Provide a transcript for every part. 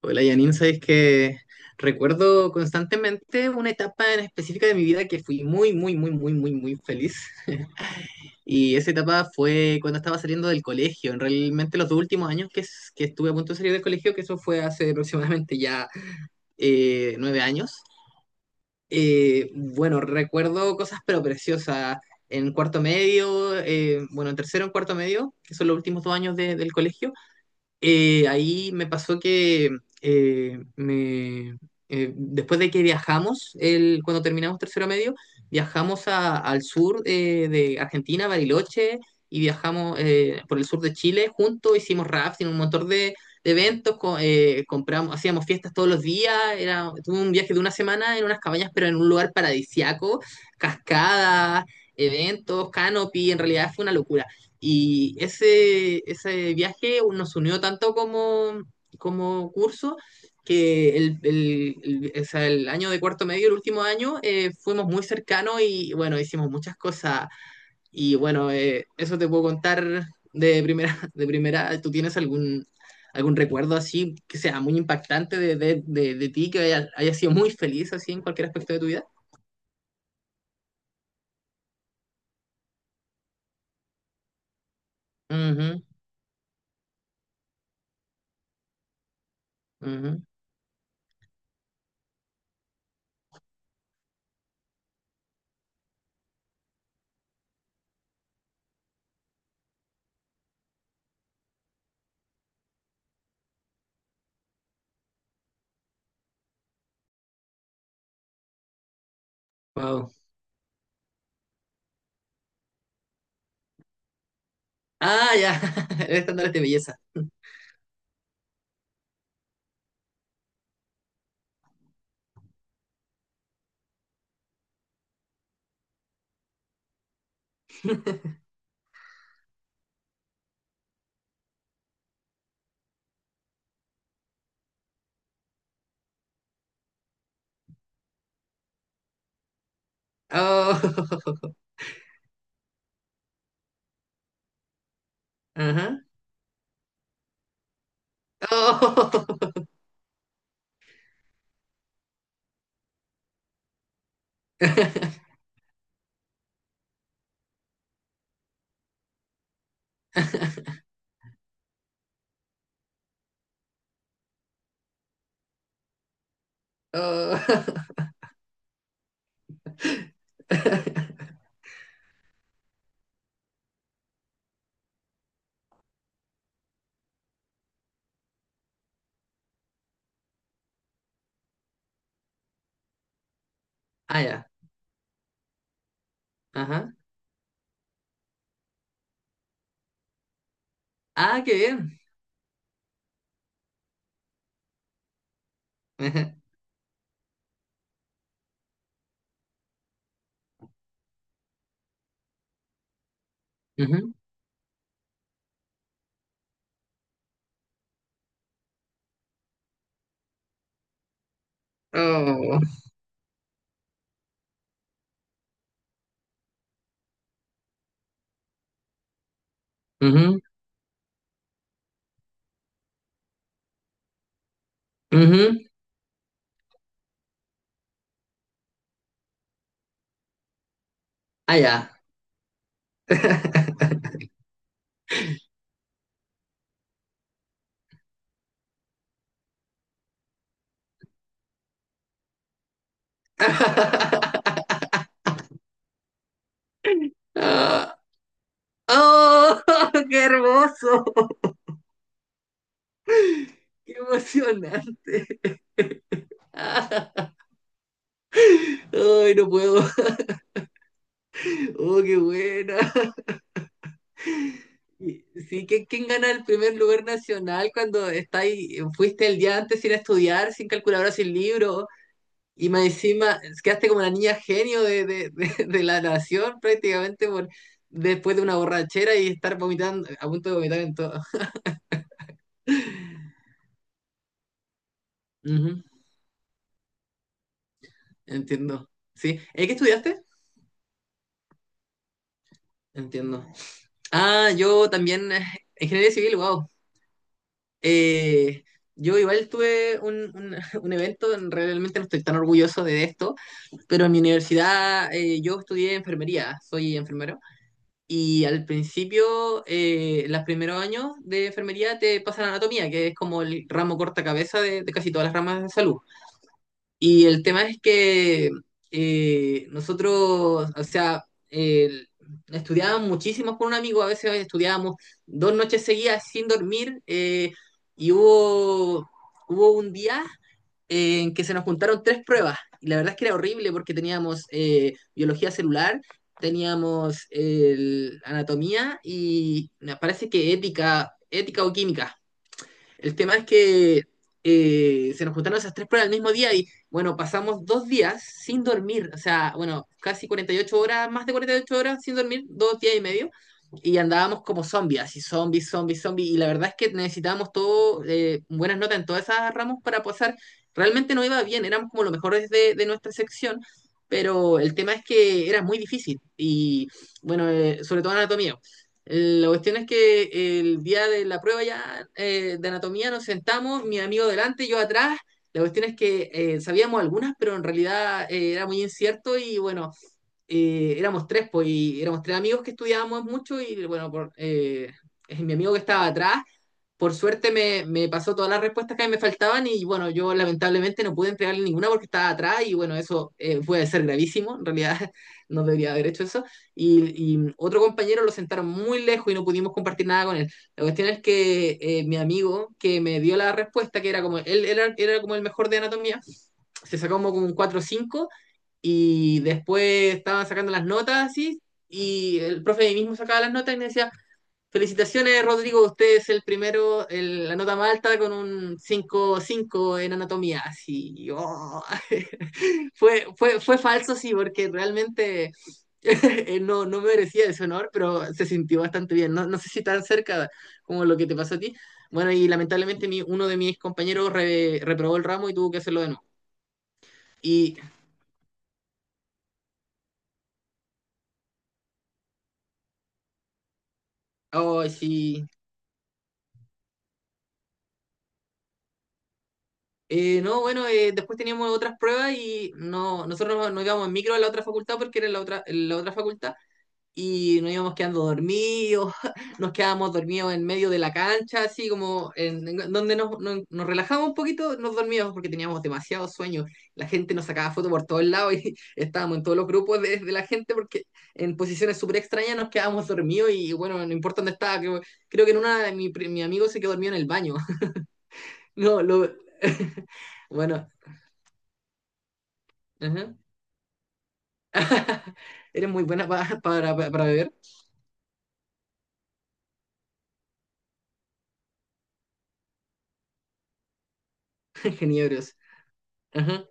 Hola Janine, sabes que recuerdo constantemente una etapa en específica de mi vida que fui muy, muy, muy, muy, muy, muy feliz. Y esa etapa fue cuando estaba saliendo del colegio, en realmente los dos últimos años que estuve a punto de salir del colegio, que eso fue hace aproximadamente ya nueve años. Bueno, recuerdo cosas pero preciosas. En tercero, en cuarto medio, que son los últimos dos años del colegio. Ahí me pasó que eh, me, después de que viajamos, el, cuando terminamos tercero medio, viajamos al sur de Argentina, Bariloche, y viajamos por el sur de Chile juntos, hicimos rafting, un montón de eventos, compramos, hacíamos fiestas todos los días, era, tuve un viaje de una semana en unas cabañas, pero en un lugar paradisiaco, cascadas, eventos, canopy, en realidad fue una locura. Y ese viaje nos unió tanto como, como curso que el- o sea, el año de cuarto medio, el último año, fuimos muy cercanos y bueno, hicimos muchas cosas. Y bueno, eso te puedo contar de primera, de primera. ¿Tú tienes algún, algún recuerdo así que sea muy impactante de ti, que haya, haya sido muy feliz así en cualquier aspecto de tu vida? Ujú, ujú. Wow. Ah, ya, el estándar de belleza. Oh. Ajá. Oh. Oh. Ah, ya. Ajá. Ah, qué bien. Ajá. Ujú. Oh. Ujú. Ujú. Ah, ya. Ah. Oh, qué hermoso. Qué emocionante. Ah. Ay, no puedo. Oh, qué buena. Y- Sí, ¿qué- ¿quién gana el primer lugar nacional cuando está ahí- fuiste el día antes sin estudiar, sin calculadora, sin libro? Y más encima, quedaste como la niña genio de la nación prácticamente por, después de una borrachera y estar vomitando, a punto de vomitar en todo. Ujú, entiendo. Sí. Qué estudiaste? Entiendo. Ah, yo también, ingeniería civil, wow. Eh, yo igual tuve un un evento, realmente no estoy tan orgulloso de esto, pero en mi universidad yo estudié enfermería, soy enfermero. Y al principio, los primeros años de enfermería te pasan anatomía, que es como el ramo corta cabeza de casi todas las ramas de salud. Y el tema es que nosotros, o sea, el- estudiábamos muchísimo con un amigo, a veces estudiábamos dos noches seguidas sin dormir, y hubo, hubo un día en que se nos juntaron tres pruebas, y la verdad es que era horrible porque teníamos biología celular, teníamos anatomía y me parece que ética, ética o química. El tema es que se nos juntaron esas tres pruebas el mismo día y bueno, pasamos dos días sin dormir, o sea, bueno, casi 48 horas, más de 48 horas sin dormir, dos días y medio, y andábamos como zombies, así zombies, zombies, zombies, y la verdad es que necesitábamos todo, buenas notas en todas esas ramos para pasar, realmente no iba bien, éramos como los mejores de nuestra sección, pero el tema es que era muy difícil, y bueno, sobre todo anatomía, la cuestión es que el día de la prueba ya de anatomía nos sentamos, mi amigo delante, yo atrás. La cuestión es que sabíamos algunas, pero en realidad era muy incierto y bueno, éramos tres, pues, y éramos tres amigos que estudiábamos mucho y bueno, mi amigo que estaba atrás por suerte me, me pasó todas las respuestas que me faltaban y bueno, yo lamentablemente no pude entregarle ninguna porque estaba atrás y bueno, eso puede ser gravísimo, en realidad no debería haber hecho eso. Y otro compañero lo sentaron muy lejos y no pudimos compartir nada con él. La cuestión es que mi amigo que me dio la respuesta, que era como, él era, era como el mejor de anatomía, se sacó como, como un 4 cinco y después estaban sacando las notas así y el profe ahí mismo sacaba las notas y me decía, Felicitaciones, Rodrigo. Usted es el primero, la nota más alta con un 5,5 en anatomía. Así, oh. Fue, fue, fue falso, sí, porque realmente no, no merecía ese honor, pero se sintió bastante bien. No, no sé si tan cerca como lo que te pasó a ti. Bueno, y lamentablemente uno de mis compañeros reprobó el ramo y tuvo que hacerlo de nuevo. Y, oh, sí. No, bueno, después teníamos otras pruebas y no, nosotros nos, nos íbamos en micro a la otra facultad porque era la otra facultad y nos íbamos quedando dormidos, nos quedábamos dormidos en medio de la cancha, así como en donde nos, nos, nos relajábamos un poquito, nos dormíamos porque teníamos demasiado sueño. La gente nos sacaba fotos por todos lados y estábamos en todos los grupos de la gente porque en posiciones súper extrañas nos quedábamos dormidos y bueno, no importa dónde estaba, creo, creo que en una de mi, mi amigo se quedó dormido en el baño. No, lo... bueno, ajá. Eres muy buena para, beber, geniebrios. Ajá,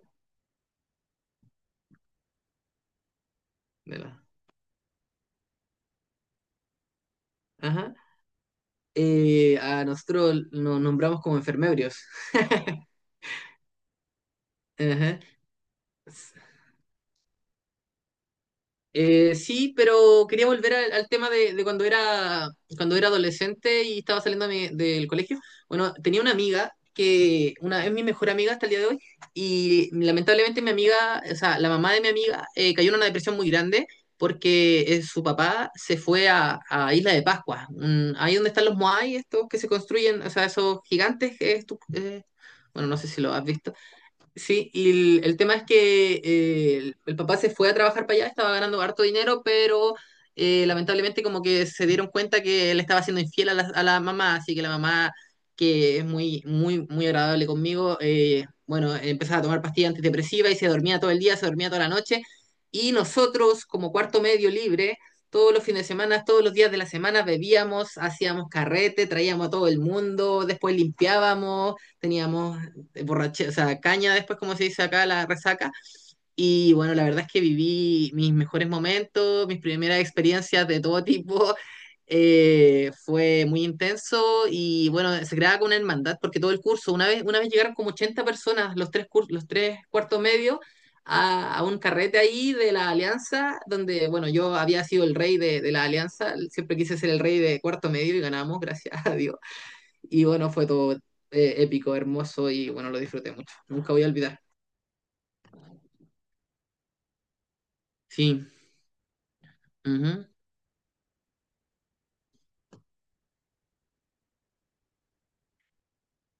de la- ajá. A nosotros nos nombramos como enfermeros. Ajá. Sí, pero quería volver al, al tema de cuando era adolescente y estaba saliendo de del colegio. Bueno, tenía una amiga que una, es mi mejor amiga hasta el día de hoy y lamentablemente mi amiga, o sea, la mamá de mi amiga cayó en una depresión muy grande porque su papá se fue a Isla de Pascua, ahí donde están los Moai, estos que se construyen, o sea, esos gigantes, que bueno, no sé si lo has visto. Sí, y el tema es que el papá se fue a trabajar para allá, estaba ganando harto dinero, pero lamentablemente como que se dieron cuenta que él estaba siendo infiel a la mamá, así que la mamá, que es muy, muy, muy agradable conmigo, bueno, empezaba a tomar pastillas antidepresivas y se dormía todo el día, se dormía toda la noche, y nosotros como cuarto medio libre, todos los fines de semana, todos los días de la semana bebíamos, hacíamos carrete, traíamos a todo el mundo, después limpiábamos, teníamos o sea, caña después, como se dice acá, la resaca. Y bueno, la verdad es que viví mis mejores momentos, mis primeras experiencias de todo tipo. Fue muy intenso y bueno, se creaba con una hermandad porque todo el curso, una vez llegaron como 80 personas, los tres, los tres cuartos medios, a, un carrete ahí de la Alianza, donde, bueno, yo había sido el rey de la Alianza, siempre quise ser el rey de cuarto medio y ganamos, gracias a Dios. Y bueno, fue todo épico, hermoso y bueno, lo disfruté mucho. Nunca voy a olvidar. Sí, ujú.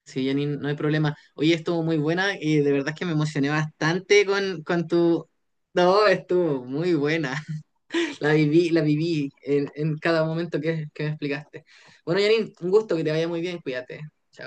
Sí, Jenny, no hay problema. Oye, estuvo muy buena y de verdad que me emocioné bastante con tu... No, estuvo muy buena. La viví en cada momento que me explicaste. Bueno, Janine, un gusto que te vaya muy bien. Cuídate. Chao.